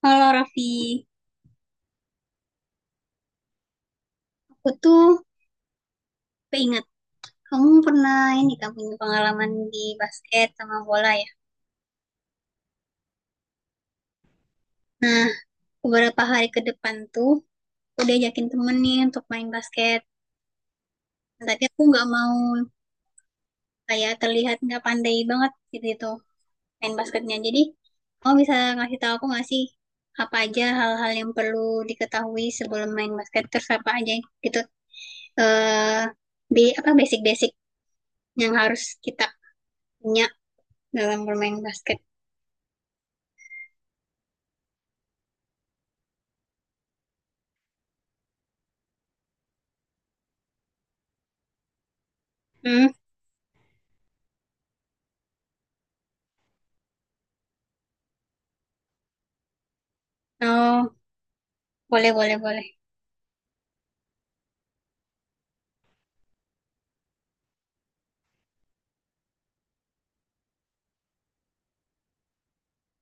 Halo Raffi, aku tuh keinget kamu pernah ini kan punya pengalaman di basket sama bola ya. Nah, beberapa hari ke depan tuh aku diajakin temen nih untuk main basket. Tapi aku nggak mau kayak terlihat nggak pandai banget gitu main basketnya. Jadi kamu bisa ngasih tahu aku nggak sih apa aja hal-hal yang perlu diketahui sebelum main basket terus apa aja gitu eh bi apa basic-basic yang harus kita punya dalam bermain basket. Hmm. Oh, boleh, boleh, boleh.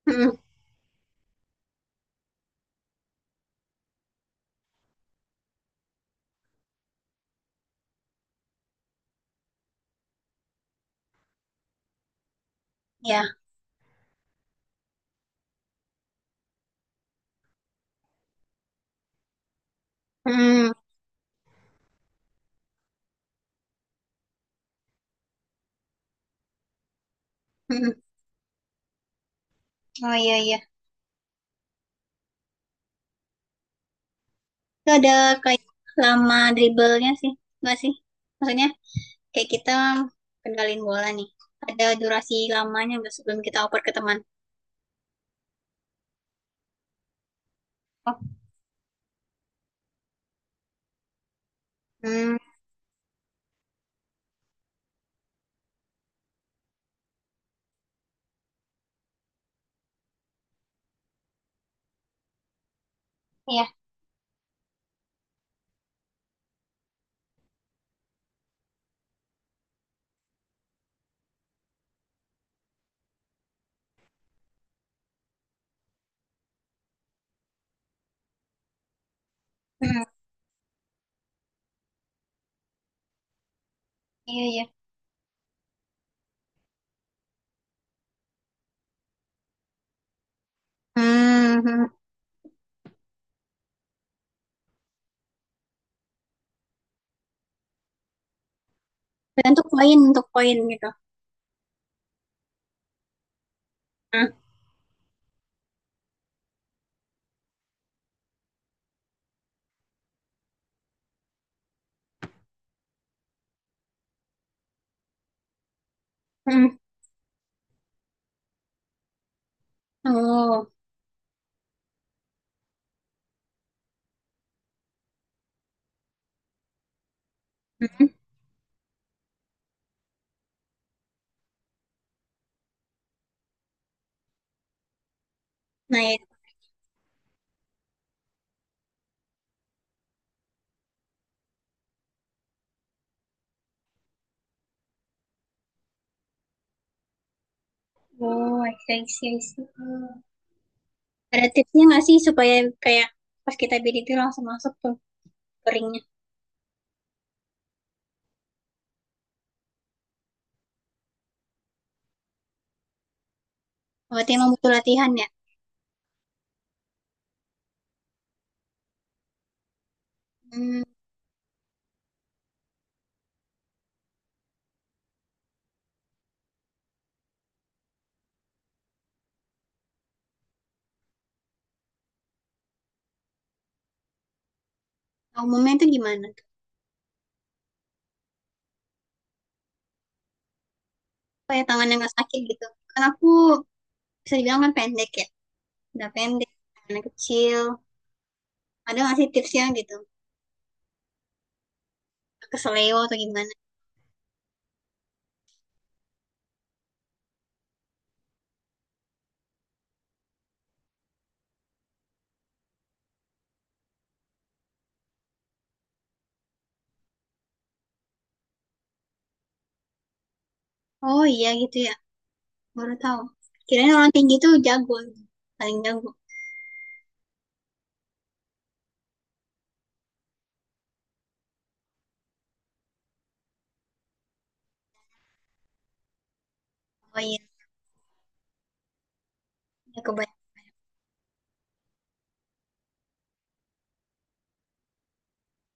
Mm, ya. Mm, mm. Oh iya, iya. Itu ada kayak lama dribblenya sih, nggak sih? Maksudnya kayak kita kendalin bola nih. Ada durasi lamanya nggak sebelum kita oper ke teman? Oh, hmm, iya. Mm, iya, iya. Hmm, hmm. Dan untuk poin gitu. Ah, hmm. Oh, hmm. Nah, ya. Oh, I see, I see, I see. Ada tipsnya nggak sih supaya kayak pas kita bid itu langsung masuk tuh keringnya? Berarti emang butuh latihan ya? Hmm, Umumnya itu gimana? Kayak tangannya nggak sakit gitu. Kan aku bisa dibilang kan pendek ya. Udah pendek, tangannya kecil. Ada nggak sih tipsnya gitu? Ke seleo atau gimana? Oh iya gitu ya, baru tahu. Kirain orang tinggi tuh jago, gitu, paling jago. Oh iya, ya kebayang.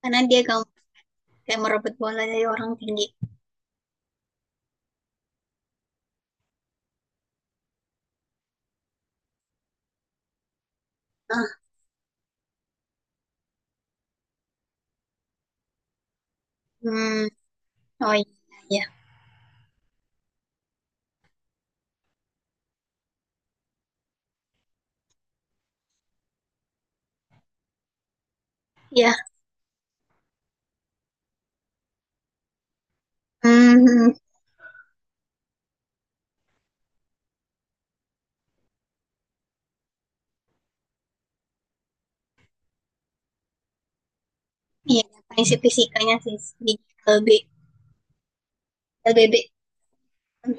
Karena dia kayak merebut bola dari orang tinggi. Ah, hmm, oh iya, iya. Iya, hmm, hmm, hmm. Iya. Prinsip fisikanya sih di LB, LBB. Hmm,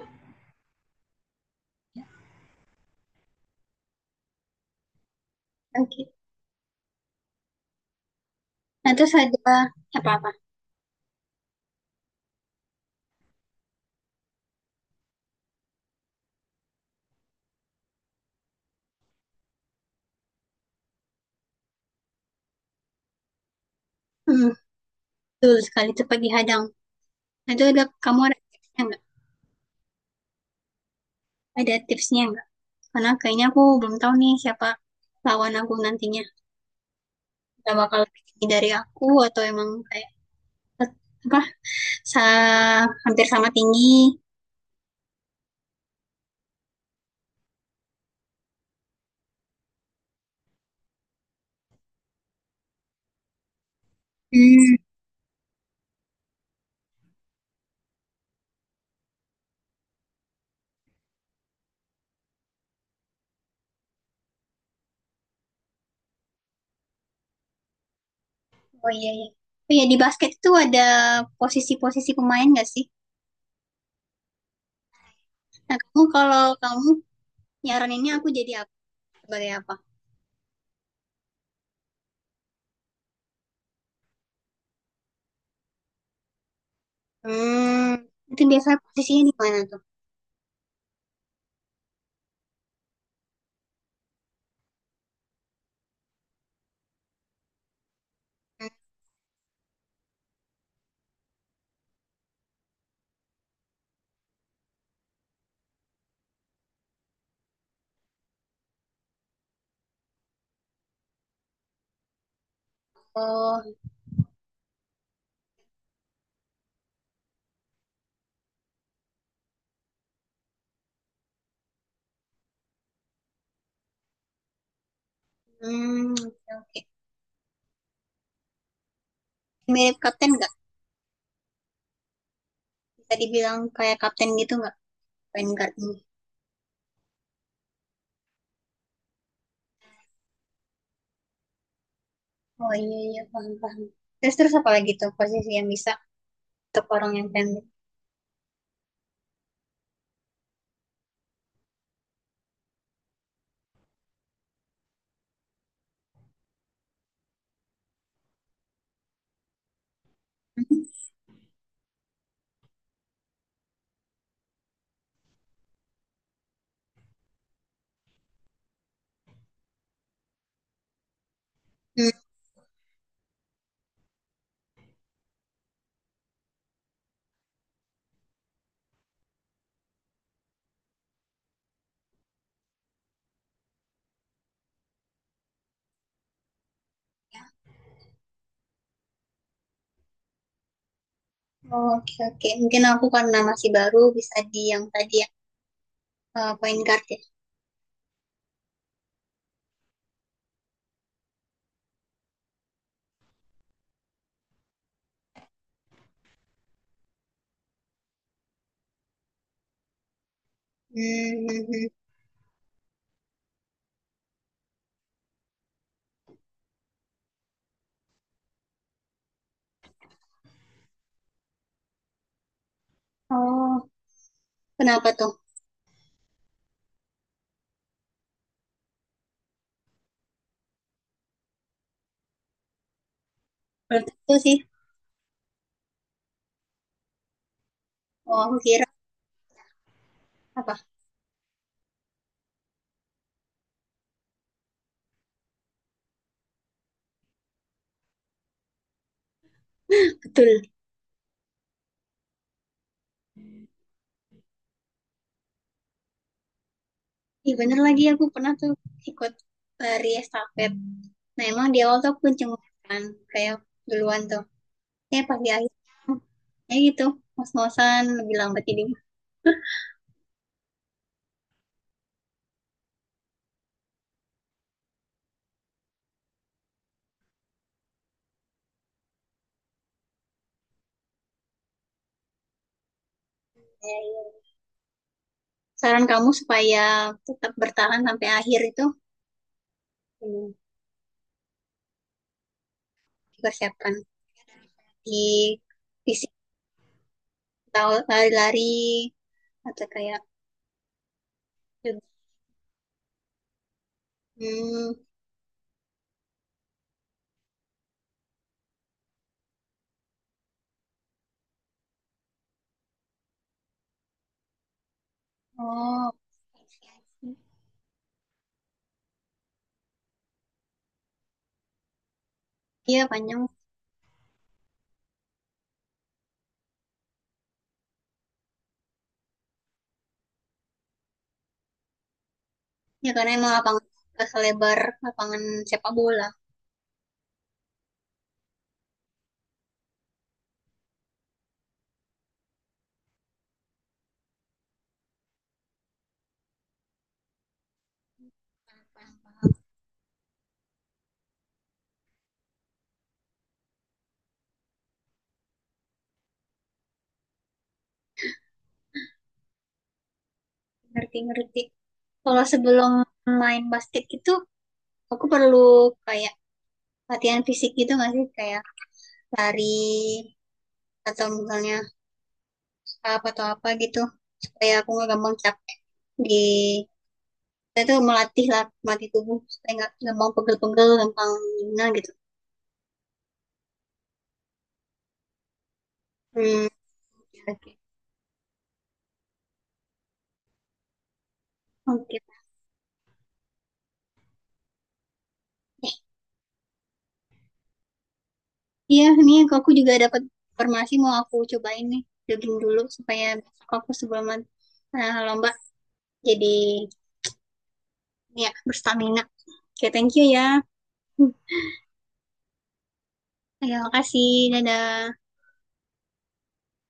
Oke. Nah, terus ada apa-apa? Hmm, Betul sekali itu pagi hadang. Nah, itu ada kamu ada tipsnya nggak? Ada tipsnya nggak? Karena kayaknya aku belum tahu nih siapa lawan aku nantinya. Udah bakal lebih tinggi dari aku atau emang kayak tet- apa? Sa Hampir sama tinggi. Hmm, oh iya iya. Oh iya di basket itu ada posisi-posisi pemain nggak sih? Nah, kalau kamu nyaraninnya aku jadi apa? Sebagai apa? Hmm, itu biasanya posisinya di mana tuh? Oh, hmm, oke. Oke. Mirip kapten nggak? Bisa dibilang kayak kapten gitu nggak? Point guardnya. Oh iya iya paham paham. Terus terus apa lagi tuh posisi yang bisa untuk orang yang pendek? Hmm. Oh, oke oke. Mungkin aku karena masih baru bisa di yang tadi ya point guard ya. Hmm. Hmm, hmm. Oh kenapa tuh? Belum tentu sih. Oh aku kira apa? Betul. Iya bener lagi aku pernah tuh ikut lari estafet. Nah emang di awal tuh aku cengok kan kayak duluan tuh. Eh pas di akhir ya gitu ngos-ngosan lebih lambat. Jadi saran kamu supaya tetap bertahan sampai akhir itu hmm, dipersiapkan di fisik atau lari-lari atau kayak hmm, oh iya panjang ya karena emang lapangan nggak selebar lapangan sepak bola ngerti-ngerti kalau sebelum main basket itu aku perlu kayak latihan fisik gitu nggak sih kayak lari atau misalnya up atau apa gitu supaya aku nggak gampang capek di kita tuh melatih tubuh supaya nggak gampang pegel-pegel gampang gimana gitu hmm, Oke. Oke. Iya nih kok aku juga dapat informasi mau aku cobain nih jogging dulu supaya besok aku sebelum lomba jadi ini ya berstamina. Oke thank you ya. Hmm. Ya makasih dadah.